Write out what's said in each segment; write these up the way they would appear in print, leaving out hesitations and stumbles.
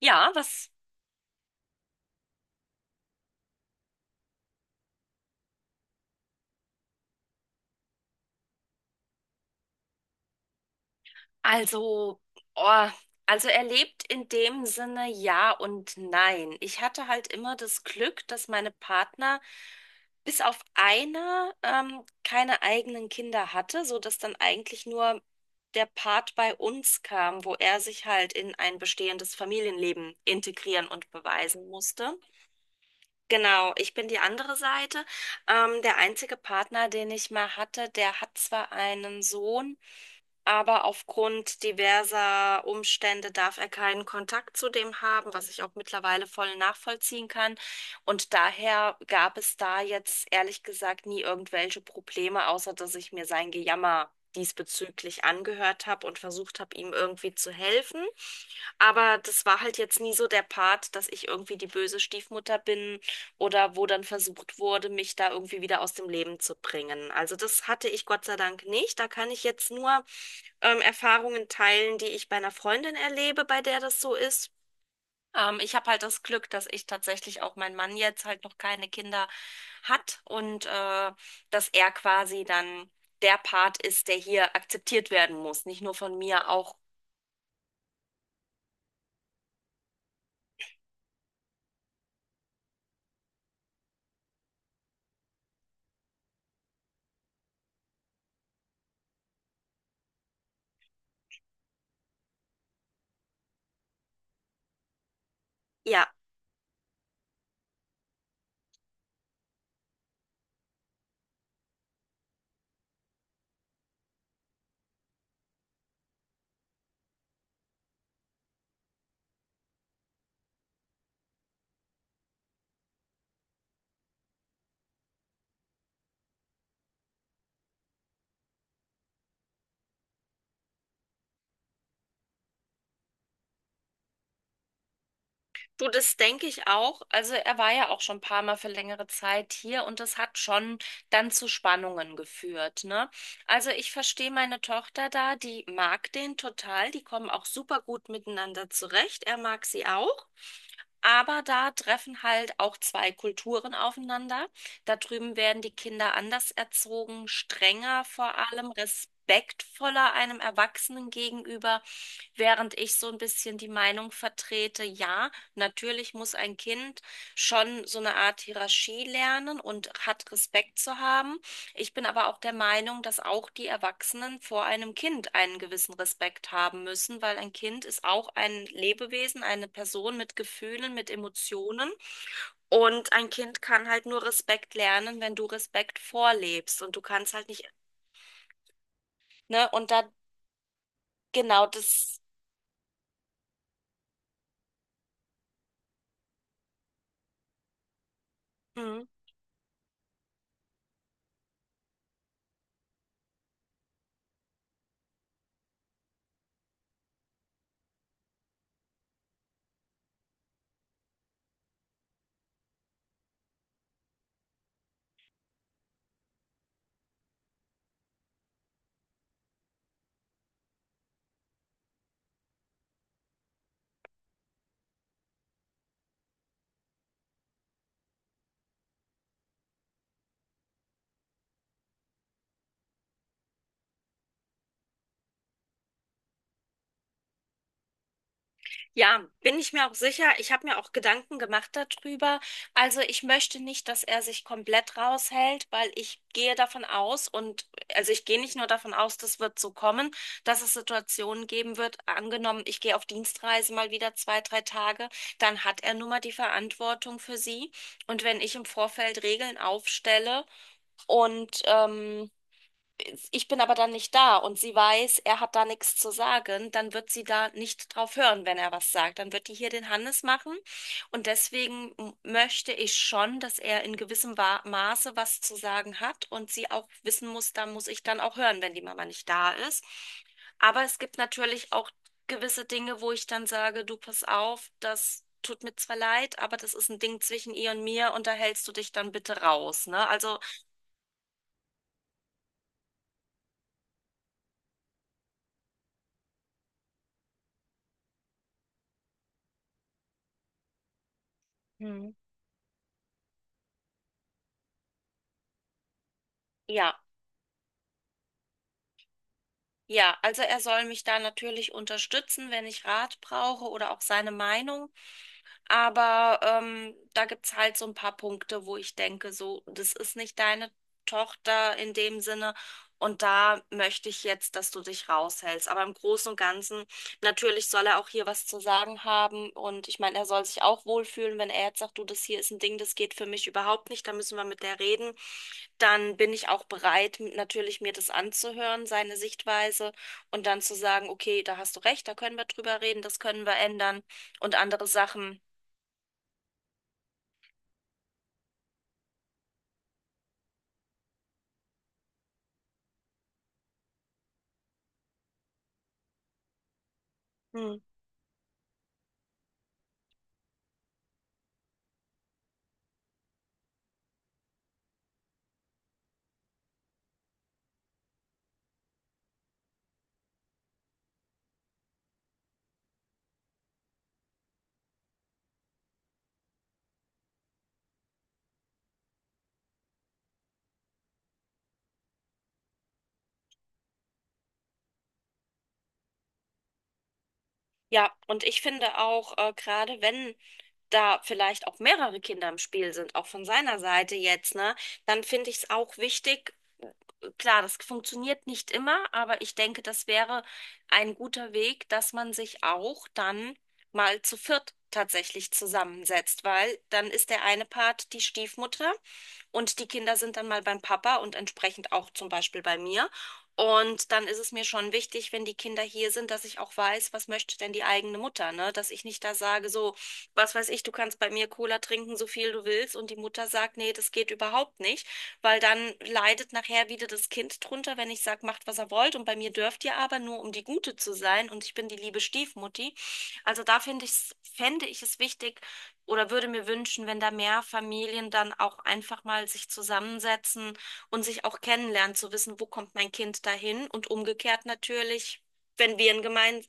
Ja, was? Also, oh, also er lebt in dem Sinne ja und nein. Ich hatte halt immer das Glück, dass meine Partner bis auf einer keine eigenen Kinder hatte, so dass dann eigentlich nur der Part bei uns kam, wo er sich halt in ein bestehendes Familienleben integrieren und beweisen musste. Genau, ich bin die andere Seite. Der einzige Partner, den ich mal hatte, der hat zwar einen Sohn, aber aufgrund diverser Umstände darf er keinen Kontakt zu dem haben, was ich auch mittlerweile voll nachvollziehen kann. Und daher gab es da jetzt ehrlich gesagt nie irgendwelche Probleme, außer dass ich mir sein Gejammer diesbezüglich angehört habe und versucht habe, ihm irgendwie zu helfen. Aber das war halt jetzt nie so der Part, dass ich irgendwie die böse Stiefmutter bin oder wo dann versucht wurde, mich da irgendwie wieder aus dem Leben zu bringen. Also das hatte ich Gott sei Dank nicht. Da kann ich jetzt nur Erfahrungen teilen, die ich bei einer Freundin erlebe, bei der das so ist. Ich habe halt das Glück, dass ich tatsächlich auch mein Mann jetzt halt noch keine Kinder hat und dass er quasi dann der Part ist, der hier akzeptiert werden muss. Nicht nur von mir, auch ja. Du, das denke ich auch. Also er war ja auch schon ein paar Mal für längere Zeit hier und das hat schon dann zu Spannungen geführt, ne? Also ich verstehe meine Tochter da, die mag den total, die kommen auch super gut miteinander zurecht. Er mag sie auch. Aber da treffen halt auch zwei Kulturen aufeinander. Da drüben werden die Kinder anders erzogen, strenger vor allem, respektvoller einem Erwachsenen gegenüber, während ich so ein bisschen die Meinung vertrete, ja, natürlich muss ein Kind schon so eine Art Hierarchie lernen und hat Respekt zu haben. Ich bin aber auch der Meinung, dass auch die Erwachsenen vor einem Kind einen gewissen Respekt haben müssen, weil ein Kind ist auch ein Lebewesen, eine Person mit Gefühlen, mit Emotionen. Und ein Kind kann halt nur Respekt lernen, wenn du Respekt vorlebst. Und du kannst halt nicht, ne? Und da, genau, das. Hm. Ja, bin ich mir auch sicher. Ich habe mir auch Gedanken gemacht darüber. Also ich möchte nicht, dass er sich komplett raushält, weil ich gehe davon aus und also ich gehe nicht nur davon aus, das wird so kommen, dass es Situationen geben wird. Angenommen, ich gehe auf Dienstreise mal wieder zwei, drei Tage, dann hat er nun mal die Verantwortung für sie. Und wenn ich im Vorfeld Regeln aufstelle und ich bin aber dann nicht da und sie weiß, er hat da nichts zu sagen, dann wird sie da nicht drauf hören, wenn er was sagt. Dann wird die hier den Hannes machen. Und deswegen möchte ich schon, dass er in gewissem Maße was zu sagen hat und sie auch wissen muss, da muss ich dann auch hören, wenn die Mama nicht da ist. Aber es gibt natürlich auch gewisse Dinge, wo ich dann sage, du pass auf, das tut mir zwar leid, aber das ist ein Ding zwischen ihr und mir und da hältst du dich dann bitte raus, ne? Also mhm, ja. Ja, also er soll mich da natürlich unterstützen, wenn ich Rat brauche oder auch seine Meinung. Aber da gibt es halt so ein paar Punkte, wo ich denke, so, das ist nicht deine Tochter in dem Sinne. Und da möchte ich jetzt, dass du dich raushältst. Aber im Großen und Ganzen, natürlich soll er auch hier was zu sagen haben. Und ich meine, er soll sich auch wohlfühlen, wenn er jetzt sagt, du, das hier ist ein Ding, das geht für mich überhaupt nicht, da müssen wir mit der reden. Dann bin ich auch bereit, natürlich mir das anzuhören, seine Sichtweise. Und dann zu sagen, okay, da hast du recht, da können wir drüber reden, das können wir ändern. Und andere Sachen. Hm. Ja, und ich finde auch, gerade wenn da vielleicht auch mehrere Kinder im Spiel sind, auch von seiner Seite jetzt, ne, dann finde ich es auch wichtig, klar, das funktioniert nicht immer, aber ich denke, das wäre ein guter Weg, dass man sich auch dann mal zu viert tatsächlich zusammensetzt, weil dann ist der eine Part die Stiefmutter und die Kinder sind dann mal beim Papa und entsprechend auch zum Beispiel bei mir. Und dann ist es mir schon wichtig, wenn die Kinder hier sind, dass ich auch weiß, was möchte denn die eigene Mutter, ne? Dass ich nicht da sage, so, was weiß ich, du kannst bei mir Cola trinken, so viel du willst, und die Mutter sagt, nee, das geht überhaupt nicht. Weil dann leidet nachher wieder das Kind drunter, wenn ich sage, macht, was er wollt. Und bei mir dürft ihr aber nur, um die Gute zu sein. Und ich bin die liebe Stiefmutti. Also da finde ich, fände ich es wichtig oder würde mir wünschen, wenn da mehr Familien dann auch einfach mal sich zusammensetzen und sich auch kennenlernen, zu wissen, wo kommt mein Kind dahin. Und umgekehrt natürlich, wenn wir ein gemeinsames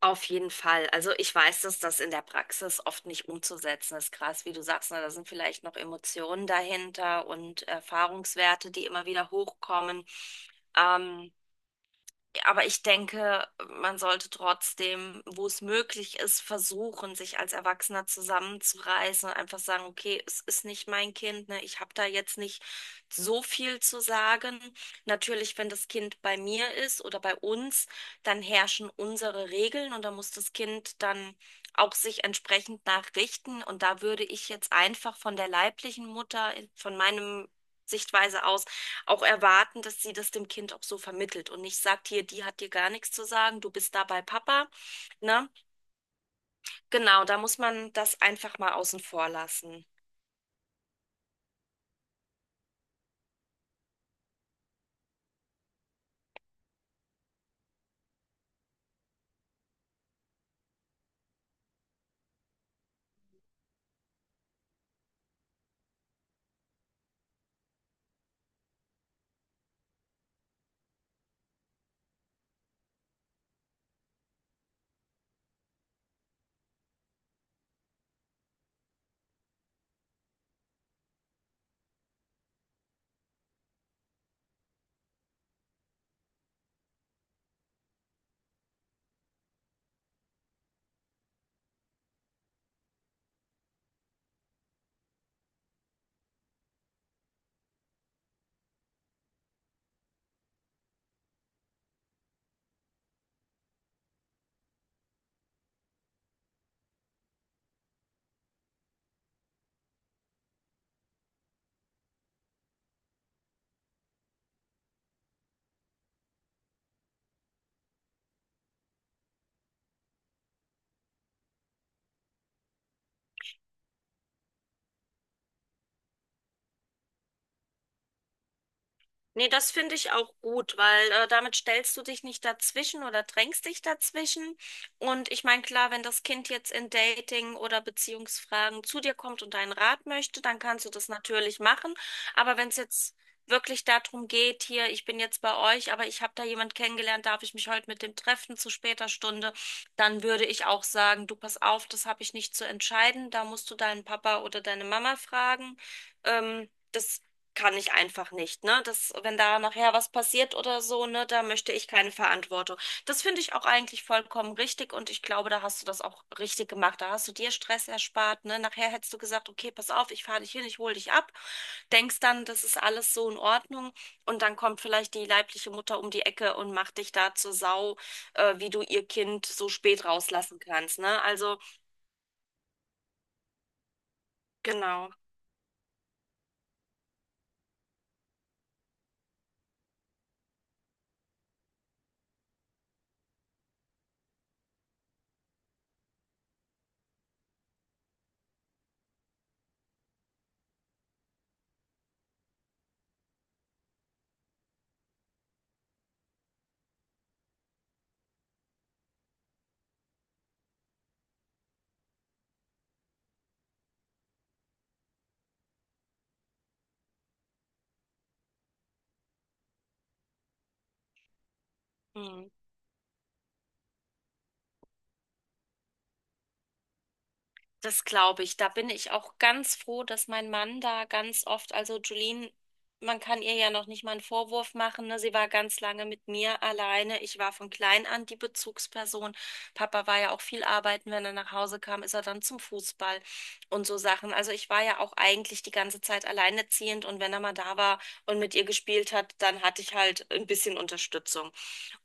auf jeden Fall. Also ich weiß, dass das in der Praxis oft nicht umzusetzen ist. Krass, wie du sagst, ne, da sind vielleicht noch Emotionen dahinter und Erfahrungswerte, die immer wieder hochkommen. Ähm, aber ich denke, man sollte trotzdem, wo es möglich ist, versuchen, sich als Erwachsener zusammenzureißen und einfach sagen, okay, es ist nicht mein Kind, ne? Ich habe da jetzt nicht so viel zu sagen. Natürlich, wenn das Kind bei mir ist oder bei uns, dann herrschen unsere Regeln und da muss das Kind dann auch sich entsprechend nachrichten. Und da würde ich jetzt einfach von der leiblichen Mutter, von meinem Sichtweise aus, auch erwarten, dass sie das dem Kind auch so vermittelt und nicht sagt, hier, die hat dir gar nichts zu sagen, du bist da bei Papa, ne? Genau, da muss man das einfach mal außen vor lassen. Nee, das finde ich auch gut, weil damit stellst du dich nicht dazwischen oder drängst dich dazwischen. Und ich meine, klar, wenn das Kind jetzt in Dating- oder Beziehungsfragen zu dir kommt und deinen Rat möchte, dann kannst du das natürlich machen. Aber wenn es jetzt wirklich darum geht, hier, ich bin jetzt bei euch, aber ich habe da jemand kennengelernt, darf ich mich heute mit dem treffen zu später Stunde, dann würde ich auch sagen, du pass auf, das habe ich nicht zu entscheiden, da musst du deinen Papa oder deine Mama fragen. Das kann ich einfach nicht, ne? Das, wenn da nachher was passiert oder so, ne, da möchte ich keine Verantwortung. Das finde ich auch eigentlich vollkommen richtig und ich glaube, da hast du das auch richtig gemacht. Da hast du dir Stress erspart, ne? Nachher hättest du gesagt, okay, pass auf, ich fahre dich hin, ich hole dich ab. Denkst dann, das ist alles so in Ordnung und dann kommt vielleicht die leibliche Mutter um die Ecke und macht dich da zur Sau, wie du ihr Kind so spät rauslassen kannst, ne? Also, genau. Hm. Das glaube ich. Da bin ich auch ganz froh, dass mein Mann da ganz oft, also Julien, man kann ihr ja noch nicht mal einen Vorwurf machen, ne? Sie war ganz lange mit mir alleine. Ich war von klein an die Bezugsperson. Papa war ja auch viel arbeiten. Wenn er nach Hause kam, ist er dann zum Fußball und so Sachen. Also ich war ja auch eigentlich die ganze Zeit alleinerziehend und wenn er mal da war und mit ihr gespielt hat, dann hatte ich halt ein bisschen Unterstützung.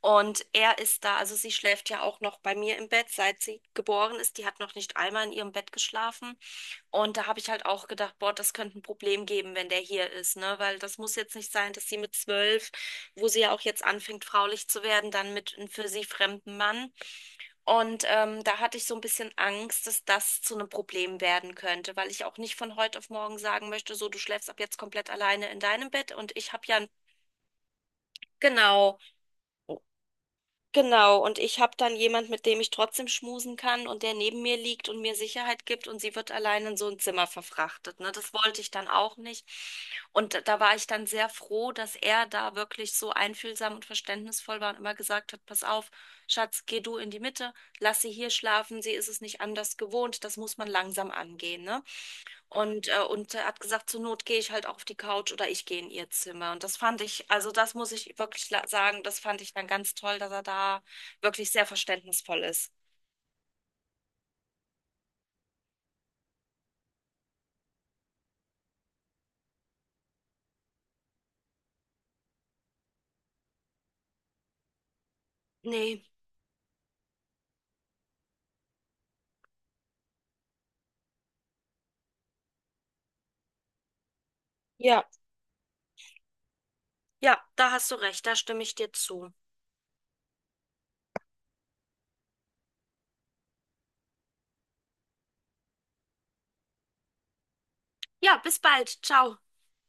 Und er ist da, also sie schläft ja auch noch bei mir im Bett, seit sie geboren ist. Die hat noch nicht einmal in ihrem Bett geschlafen. Und da habe ich halt auch gedacht, boah, das könnte ein Problem geben, wenn der hier ist, ne? Weil das muss jetzt nicht sein, dass sie mit zwölf, wo sie ja auch jetzt anfängt, fraulich zu werden, dann mit einem für sie fremden Mann. Und da hatte ich so ein bisschen Angst, dass das zu einem Problem werden könnte, weil ich auch nicht von heute auf morgen sagen möchte, so, du schläfst ab jetzt komplett alleine in deinem Bett und ich habe ja ein genau. Genau, und ich habe dann jemand, mit dem ich trotzdem schmusen kann und der neben mir liegt und mir Sicherheit gibt und sie wird allein in so ein Zimmer verfrachtet. Ne? Das wollte ich dann auch nicht. Und da war ich dann sehr froh, dass er da wirklich so einfühlsam und verständnisvoll war und immer gesagt hat, pass auf, Schatz, geh du in die Mitte, lass sie hier schlafen, sie ist es nicht anders gewohnt, das muss man langsam angehen, ne? Und er hat gesagt, zur Not gehe ich halt auf die Couch oder ich gehe in ihr Zimmer. Und das fand ich, also das muss ich wirklich sagen, das fand ich dann ganz toll, dass er da wirklich sehr verständnisvoll ist. Nee, ja. Ja, da hast du recht, da stimme ich dir zu. Ja, bis bald. Ciao.